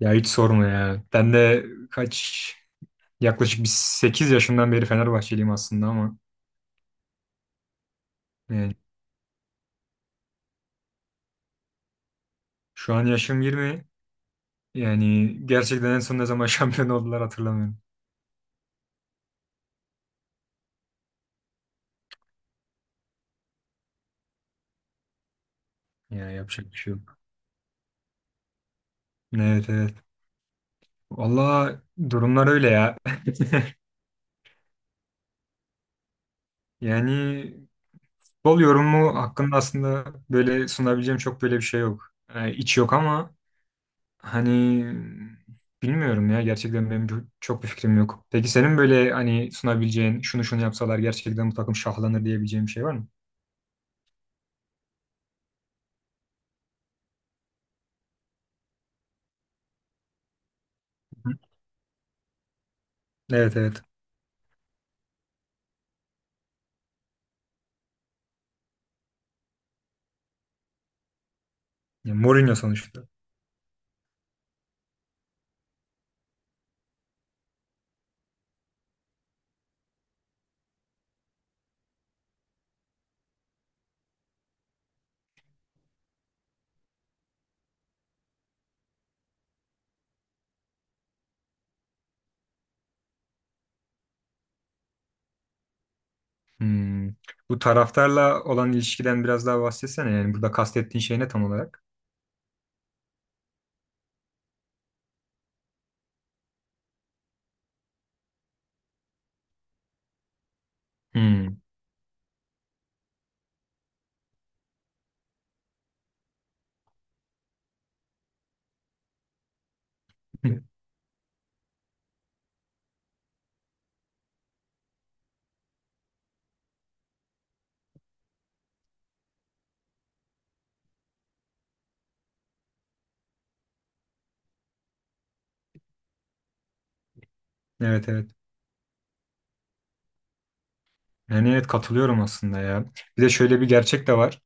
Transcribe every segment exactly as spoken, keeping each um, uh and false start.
Ya hiç sorma ya. Ben de kaç yaklaşık bir sekiz yaşımdan beri Fenerbahçeliyim aslında ama yani şu an yaşım yirmi. Yani gerçekten en son ne zaman şampiyon oldular hatırlamıyorum. Ya yapacak bir şey yok. Evet, evet. Valla durumlar öyle ya. Yani futbol yorumu hakkında aslında böyle sunabileceğim çok böyle bir şey yok. Yani iç yok ama hani bilmiyorum ya, gerçekten benim çok, çok bir fikrim yok. Peki senin böyle hani sunabileceğin şunu şunu yapsalar gerçekten bu takım şahlanır diyebileceğin bir şey var mı? Hı. Evet, evet. Ya, Mourinho sonuçta. Hmm. Bu taraftarla olan ilişkiden biraz daha bahsetsene, yani burada kastettiğin şey ne tam olarak? Hmm. Evet, evet. Yani evet, katılıyorum aslında ya. Bir de şöyle bir gerçek de var.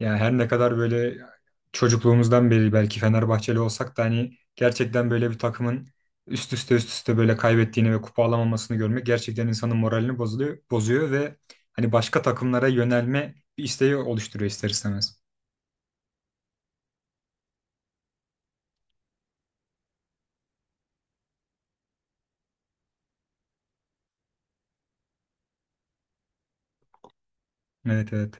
Yani her ne kadar böyle çocukluğumuzdan beri belki Fenerbahçeli olsak da, hani gerçekten böyle bir takımın üst üste üst üste böyle kaybettiğini ve kupa alamamasını görmek gerçekten insanın moralini bozuluyor, bozuyor ve hani başka takımlara yönelme bir isteği oluşturuyor, ister istemez. Evet, evet.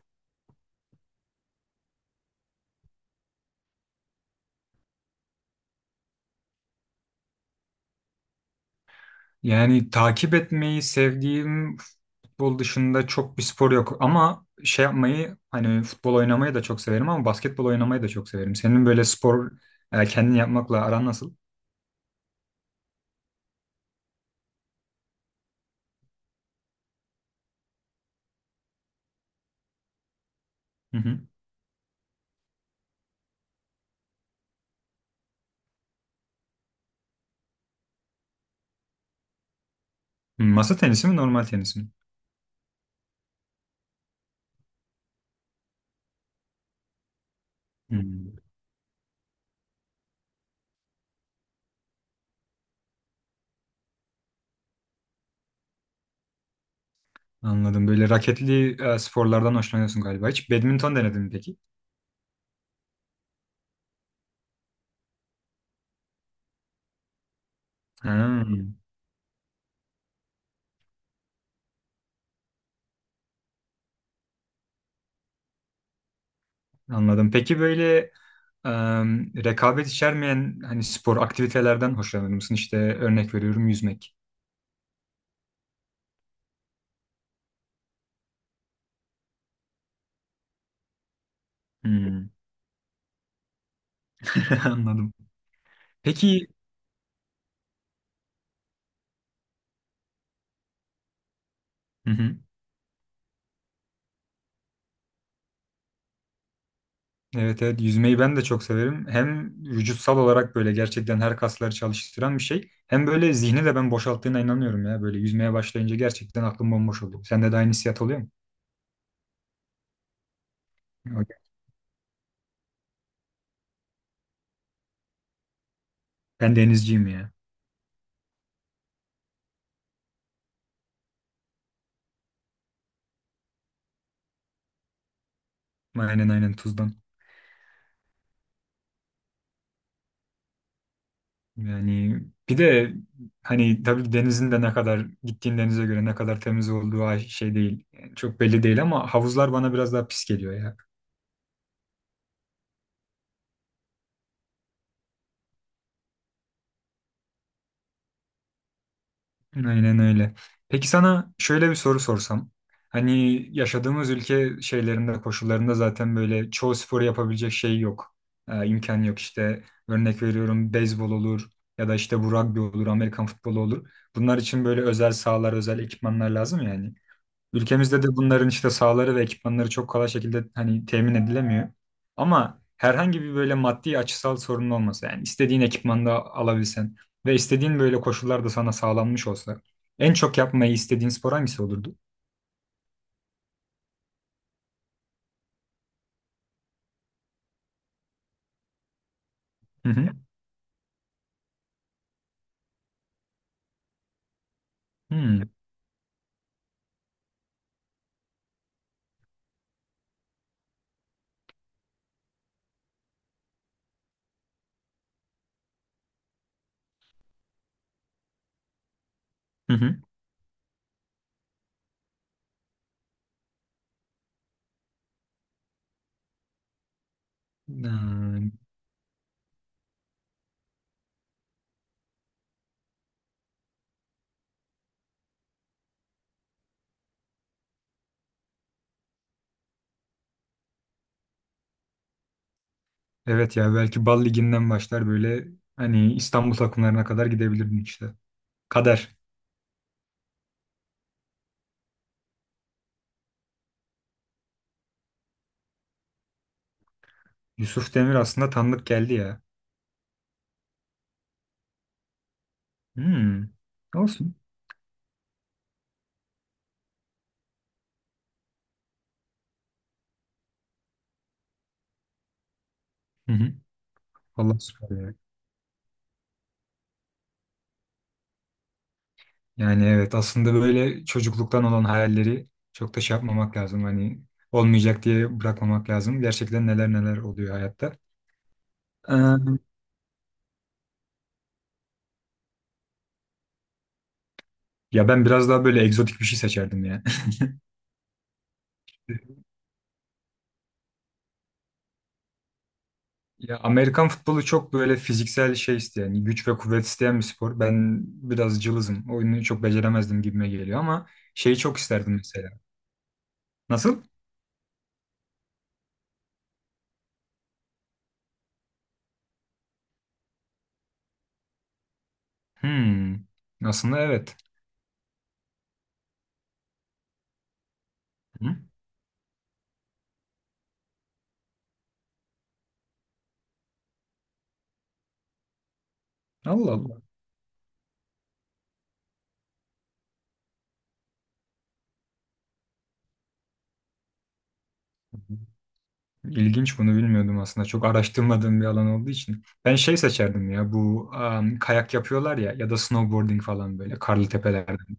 Yani takip etmeyi sevdiğim futbol dışında çok bir spor yok ama şey yapmayı, hani futbol oynamayı da çok severim ama basketbol oynamayı da çok severim. Senin böyle spor e, kendin yapmakla aran nasıl? Hmm, masa tenisi mi normal tenis mi? Hmm, anladım. Böyle raketli e, sporlardan hoşlanıyorsun galiba. Hiç badminton denedin mi peki? Ha, anladım. Peki böyle e, rekabet içermeyen hani spor aktivitelerden hoşlanır mısın? İşte örnek veriyorum, yüzmek. Hmm. Anladım. Peki, hı hı. Evet, evet, yüzmeyi ben de çok severim. Hem vücutsal olarak böyle gerçekten her kasları çalıştıran bir şey. Hem böyle zihni de ben boşalttığına inanıyorum ya. Böyle yüzmeye başlayınca gerçekten aklım bomboş oluyor. Sende de aynı hissiyat oluyor mu? Ben denizciyim ya. Aynen aynen, Tuz'dan. Yani bir de hani tabii denizin de ne kadar gittiğin denize göre ne kadar temiz olduğu ay- şey değil. Yani çok belli değil ama havuzlar bana biraz daha pis geliyor ya. Aynen öyle. Peki sana şöyle bir soru sorsam. Hani yaşadığımız ülke şeylerinde, koşullarında zaten böyle çoğu sporu yapabilecek şey yok. Ee, imkan yok işte. Örnek veriyorum, beyzbol olur ya da işte bu rugby olur, Amerikan futbolu olur. Bunlar için böyle özel sahalar, özel ekipmanlar lazım yani. Ülkemizde de bunların işte sahaları ve ekipmanları çok kolay şekilde hani temin edilemiyor. Ama herhangi bir böyle maddi açısal sorun olmasa, yani istediğin ekipmanda alabilsen ve istediğin böyle koşullar da sana sağlanmış olsa, en çok yapmayı istediğin spor hangisi olurdu? Hı hı. Hmm. Hı hı. Hmm. Evet ya, belki Bal Ligi'nden başlar, böyle hani İstanbul takımlarına kadar gidebilirdin işte. Kader. Yusuf Demir aslında tanıdık geldi ya. Hmm. Olsun. Hı hı. Vallahi süper ya. Yani evet, aslında böyle çocukluktan olan hayalleri çok da şey yapmamak lazım. Hani olmayacak diye bırakmamak lazım. Gerçekten neler neler oluyor hayatta. Ee, Ya ben biraz daha böyle egzotik bir şey seçerdim ya. Ya Amerikan futbolu çok böyle fiziksel şey isteyen, güç ve kuvvet isteyen bir spor. Ben biraz cılızım. Oyunu çok beceremezdim gibime geliyor ama şeyi çok isterdim mesela. Nasıl? Hmm. Aslında evet. Hı? Allah Allah. İlginç, bunu bilmiyordum aslında. Çok araştırmadığım bir alan olduğu için. Ben şey seçerdim ya, bu am, kayak yapıyorlar ya ya da snowboarding falan, böyle karlı tepelerden.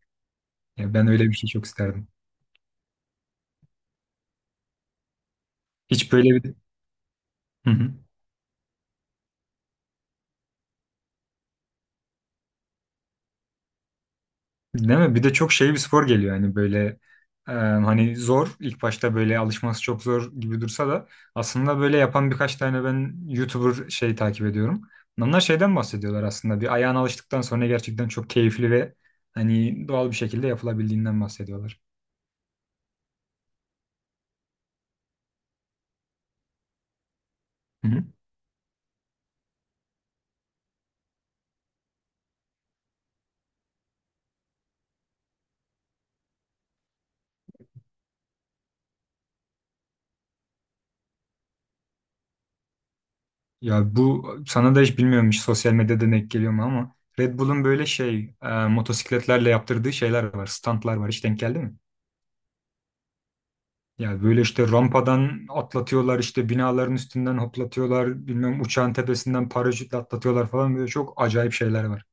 Ya ben öyle bir şey çok isterdim. Hiç böyle bir... Hı hı. Değil mi? Bir de çok şey bir spor geliyor yani, böyle am, hani zor, ilk başta böyle alışması çok zor gibi dursa da aslında böyle yapan birkaç tane ben YouTuber şey takip ediyorum. Onlar şeyden bahsediyorlar, aslında bir ayağına alıştıktan sonra gerçekten çok keyifli ve hani doğal bir şekilde yapılabildiğinden bahsediyorlar. Ya bu sana da hiç bilmiyorum, hiç sosyal medyada denk geliyor mu ama Red Bull'un böyle şey e, motosikletlerle yaptırdığı şeyler var. Standlar var. Hiç denk geldi mi? Ya böyle işte rampadan atlatıyorlar, işte binaların üstünden hoplatıyorlar, bilmem uçağın tepesinden paraşütle atlatıyorlar falan, böyle çok acayip şeyler var.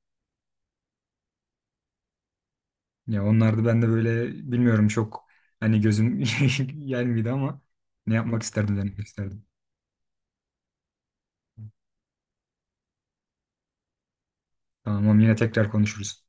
Ya onlar da ben de böyle bilmiyorum çok, hani gözüm gelmedi ama ne yapmak isterdim, denemek isterdim. Tamam, yine tekrar konuşuruz.